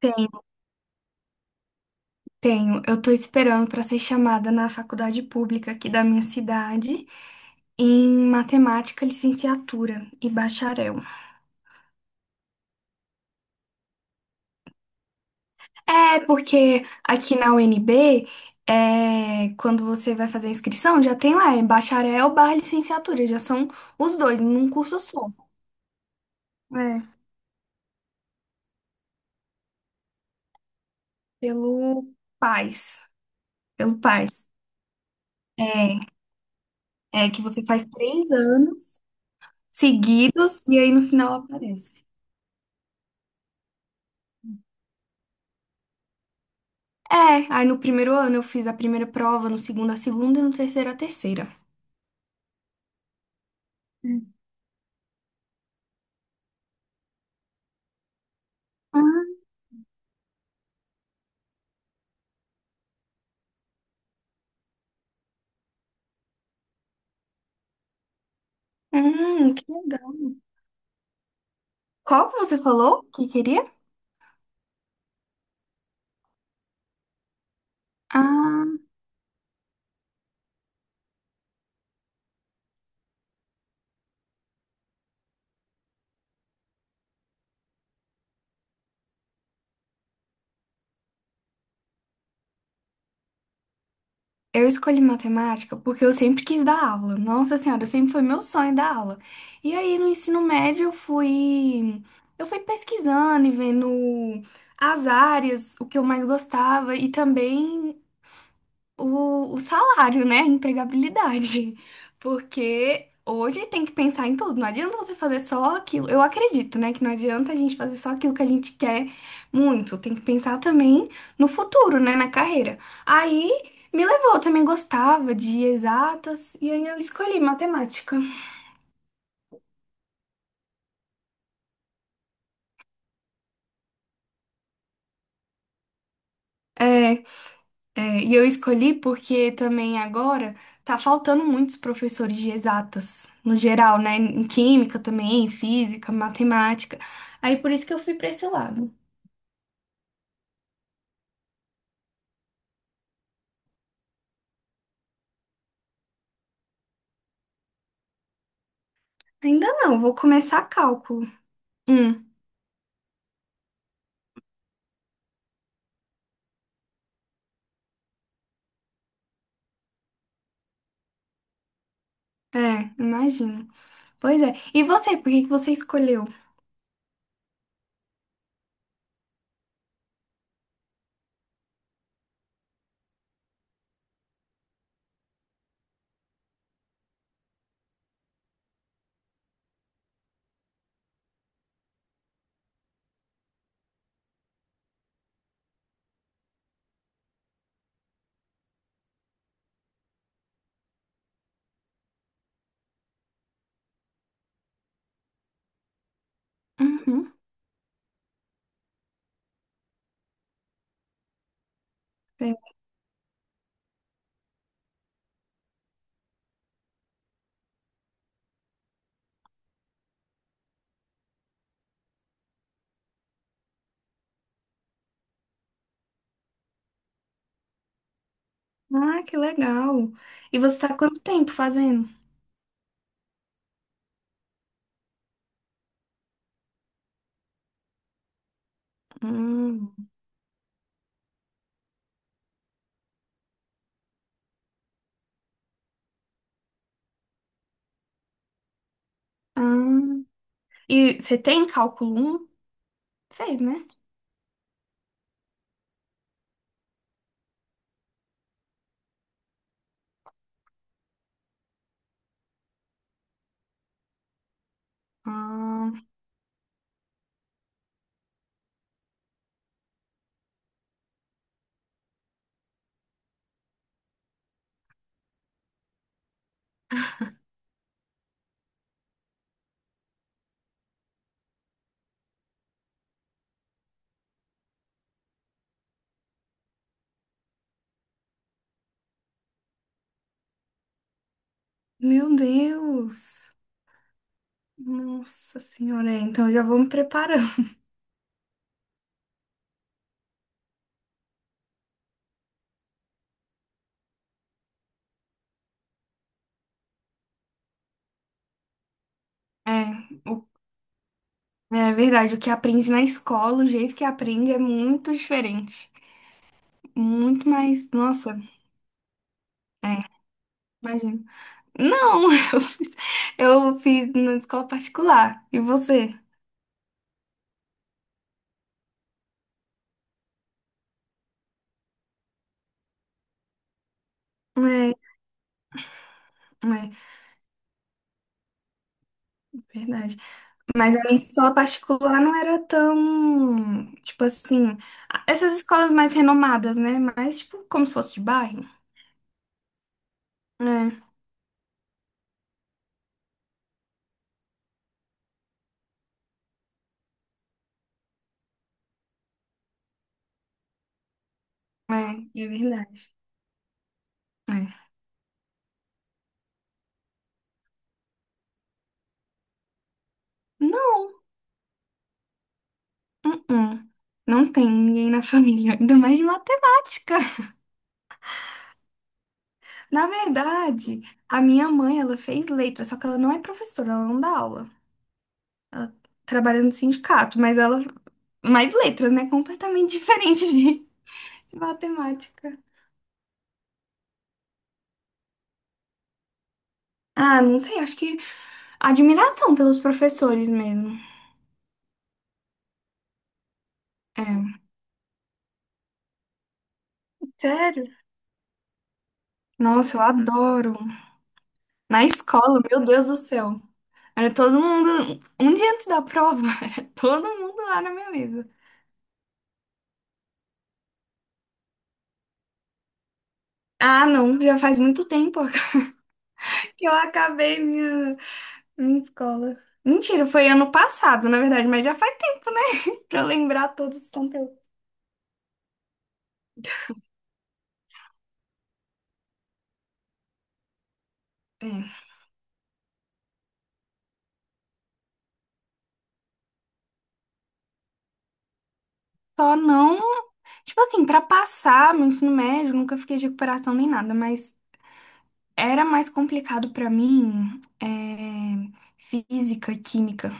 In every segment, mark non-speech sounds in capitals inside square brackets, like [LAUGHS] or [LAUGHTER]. Tenho, tenho. Eu tô esperando para ser chamada na faculdade pública aqui da minha cidade em matemática, licenciatura e bacharel. É, porque aqui na UNB, quando você vai fazer a inscrição, já tem lá, é bacharel barra licenciatura, já são os dois, num curso só. É, pelo PAS, pelo PAS. É, é que você faz 3 anos seguidos e aí no final aparece. É, aí no primeiro ano eu fiz a primeira prova, no segundo a segunda e no terceiro a terceira. Hum. Que legal. Qual que você falou que queria? Ah, eu escolhi matemática porque eu sempre quis dar aula. Nossa Senhora, sempre foi meu sonho dar aula. E aí no ensino médio eu fui pesquisando e vendo as áreas, o que eu mais gostava e também o salário, né? A empregabilidade. Porque hoje tem que pensar em tudo. Não adianta você fazer só aquilo. Eu acredito, né? Que não adianta a gente fazer só aquilo que a gente quer muito. Tem que pensar também no futuro, né? Na carreira. Aí me levou. Eu também gostava de exatas e aí eu escolhi matemática. É, e eu escolhi porque também agora tá faltando muitos professores de exatas, no geral, né? Em química também, em física, matemática. Aí por isso que eu fui pra esse lado. Ainda não, vou começar cálculo. Hum, é, imagino. Pois é. E você, por que que você escolheu? Uhum. Sei. Ah, que legal. E você tá há quanto tempo fazendo? Hum. Ah. E você tem cálculo um? Fez, né? Ah, meu Deus. Nossa senhora, é, então já vou me preparando. É, o- é verdade, o que aprende na escola, o jeito que aprende é muito diferente. Muito mais. Nossa, é, imagino. Não, [LAUGHS] eu fiz, eu fiz na escola particular. E você? É, é, verdade. Mas a minha escola particular não era tão. Tipo assim. Essas escolas mais renomadas, né? Mas, tipo, como se fosse de bairro. É, é, é verdade. É. Não. Uh-uh. Não tem ninguém na [LAUGHS] família, ainda mais de matemática. Na verdade, a minha mãe, ela fez letras, só que ela não é professora, ela não dá aula. Ela trabalha no sindicato, mas ela mais letras, né? Completamente diferente de [LAUGHS] matemática. Ah, não sei, acho que admiração pelos professores mesmo. É. Sério? Nossa, eu adoro. Na escola, meu Deus do céu. Era todo mundo, um dia antes da prova, [LAUGHS] era todo mundo lá na minha mesa. Ah, não, já faz muito tempo [LAUGHS] que eu acabei minha escola. Mentira, foi ano passado, na verdade, mas já faz tempo, né? [LAUGHS] Pra eu lembrar todos os conteúdos. É. Só não, tipo assim, pra passar meu ensino médio, nunca fiquei de recuperação nem nada, mas era mais complicado pra mim, é, física e química.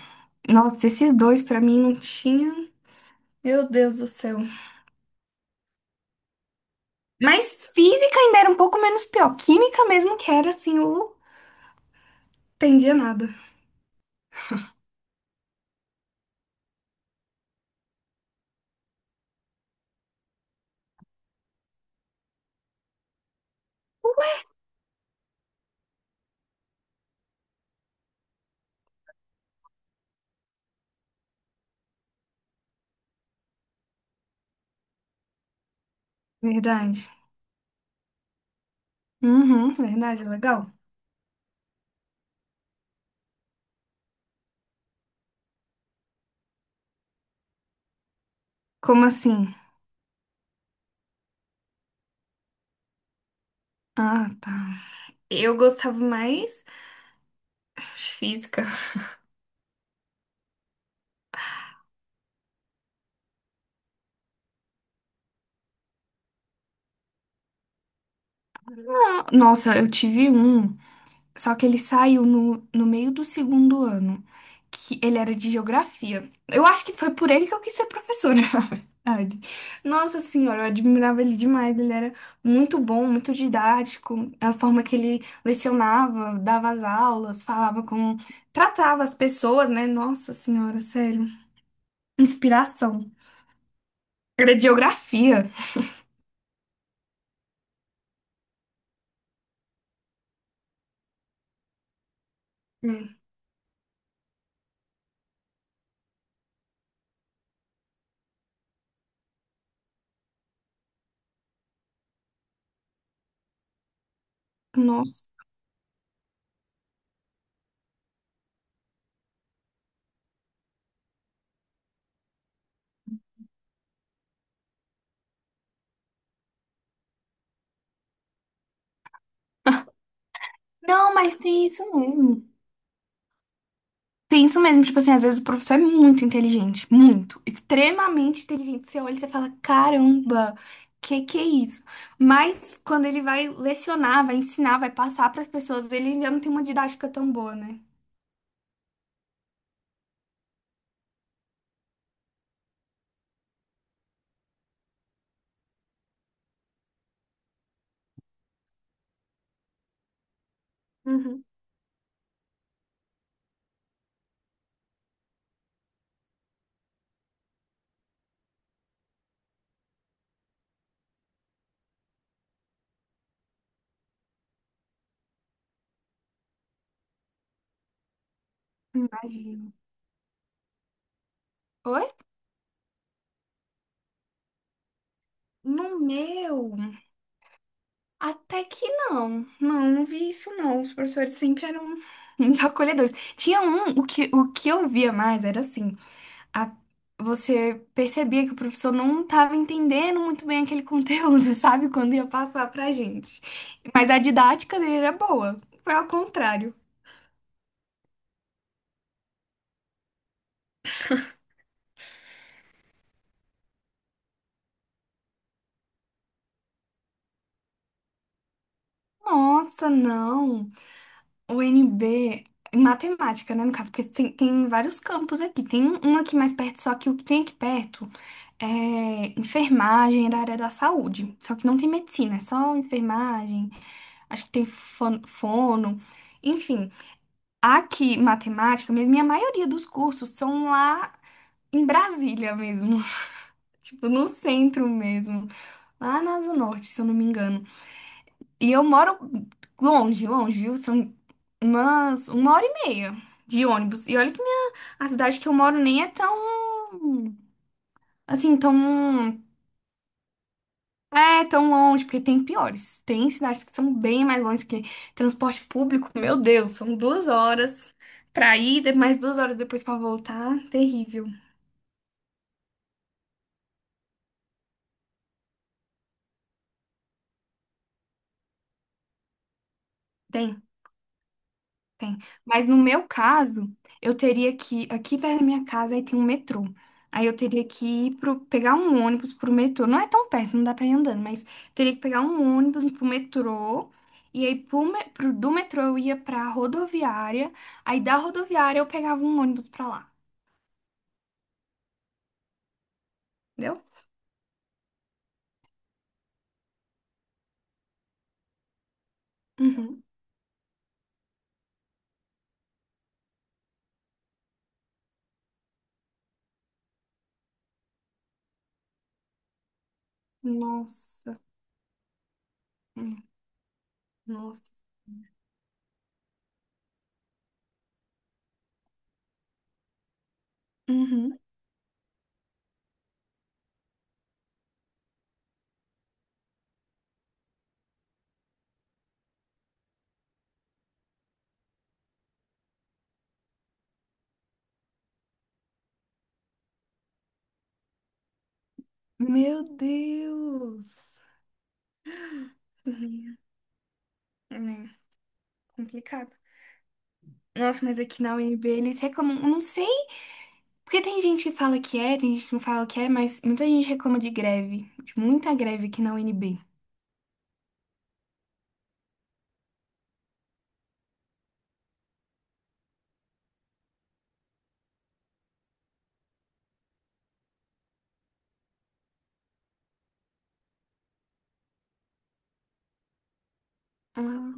Nossa, esses dois pra mim não tinha. Meu Deus do céu. Mas física ainda era um pouco menos pior. Química mesmo que era assim, eu não entendia nada. Verdade. Uhum, verdade, legal. Como assim? Ah, tá. Eu gostava mais de física. Ah, nossa, eu tive um, só que ele saiu no meio do segundo ano, que ele era de geografia. Eu acho que foi por ele que eu quis ser professora, [LAUGHS] na verdade. Nossa senhora, eu admirava ele demais. Ele era muito bom, muito didático. A forma que ele lecionava, dava as aulas, falava com... Tratava as pessoas, né? Nossa senhora, sério. Inspiração. Era de geografia. Hum. Nossa. Não, mas tem isso mesmo. Tem isso mesmo. Tipo assim, às vezes o professor é muito inteligente. Muito. Extremamente inteligente. Você olha e você fala, caramba, que é isso? Mas quando ele vai lecionar, vai ensinar, vai passar para as pessoas, ele já não tem uma didática tão boa, né? Uhum. Imagino. Oi? No meu, até que não. Não, não vi isso não. Os professores sempre eram muito acolhedores. Tinha um, o que eu via mais era assim. a- Você percebia que o professor não estava entendendo muito bem aquele conteúdo, [LAUGHS] sabe? Quando ia passar pra gente. Mas a didática dele era boa. Foi ao contrário. Nossa, não. O NB, em matemática, né? No caso, porque tem vários campos aqui. Tem um aqui mais perto, só que o que tem aqui perto é enfermagem é da área da saúde. Só que não tem medicina, é só enfermagem. Acho que tem fono. Enfim. Aqui, matemática, mesmo, e a maioria dos cursos são lá em Brasília mesmo, [LAUGHS] tipo, no centro mesmo, lá na Asa Norte, se eu não me engano. E eu moro longe, longe, viu? São umas uma hora e meia de ônibus. E olha que a cidade que eu moro nem é tão, assim, tão, tão longe, porque tem piores. Tem cidades que são bem mais longe que transporte público, meu Deus, são 2 horas. Pra ir, mais 2 horas depois pra voltar, terrível. Tem, tem. Mas no meu caso, eu teria que ir aqui perto da minha casa aí tem um metrô. Aí eu teria que ir pro, pegar um ônibus pro metrô. Não é tão perto, não dá pra ir andando, mas teria que pegar um ônibus pro metrô. E aí do metrô eu ia pra rodoviária. Aí da rodoviária eu pegava um ônibus pra lá. Entendeu? Uhum. Nossa. Hum. Nossa. Uhum. Meu Deus. Uhum. É complicado. Nossa, mas aqui na UNB eles reclamam. Eu não sei. Porque tem gente que fala que é, tem gente que não fala que é, mas muita gente reclama de greve, de muita greve aqui na UNB. Ah,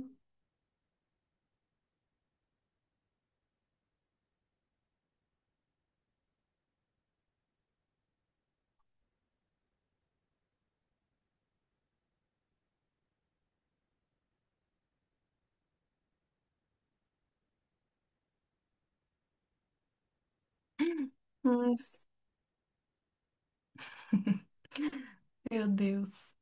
nossa. [LAUGHS] Meu Deus.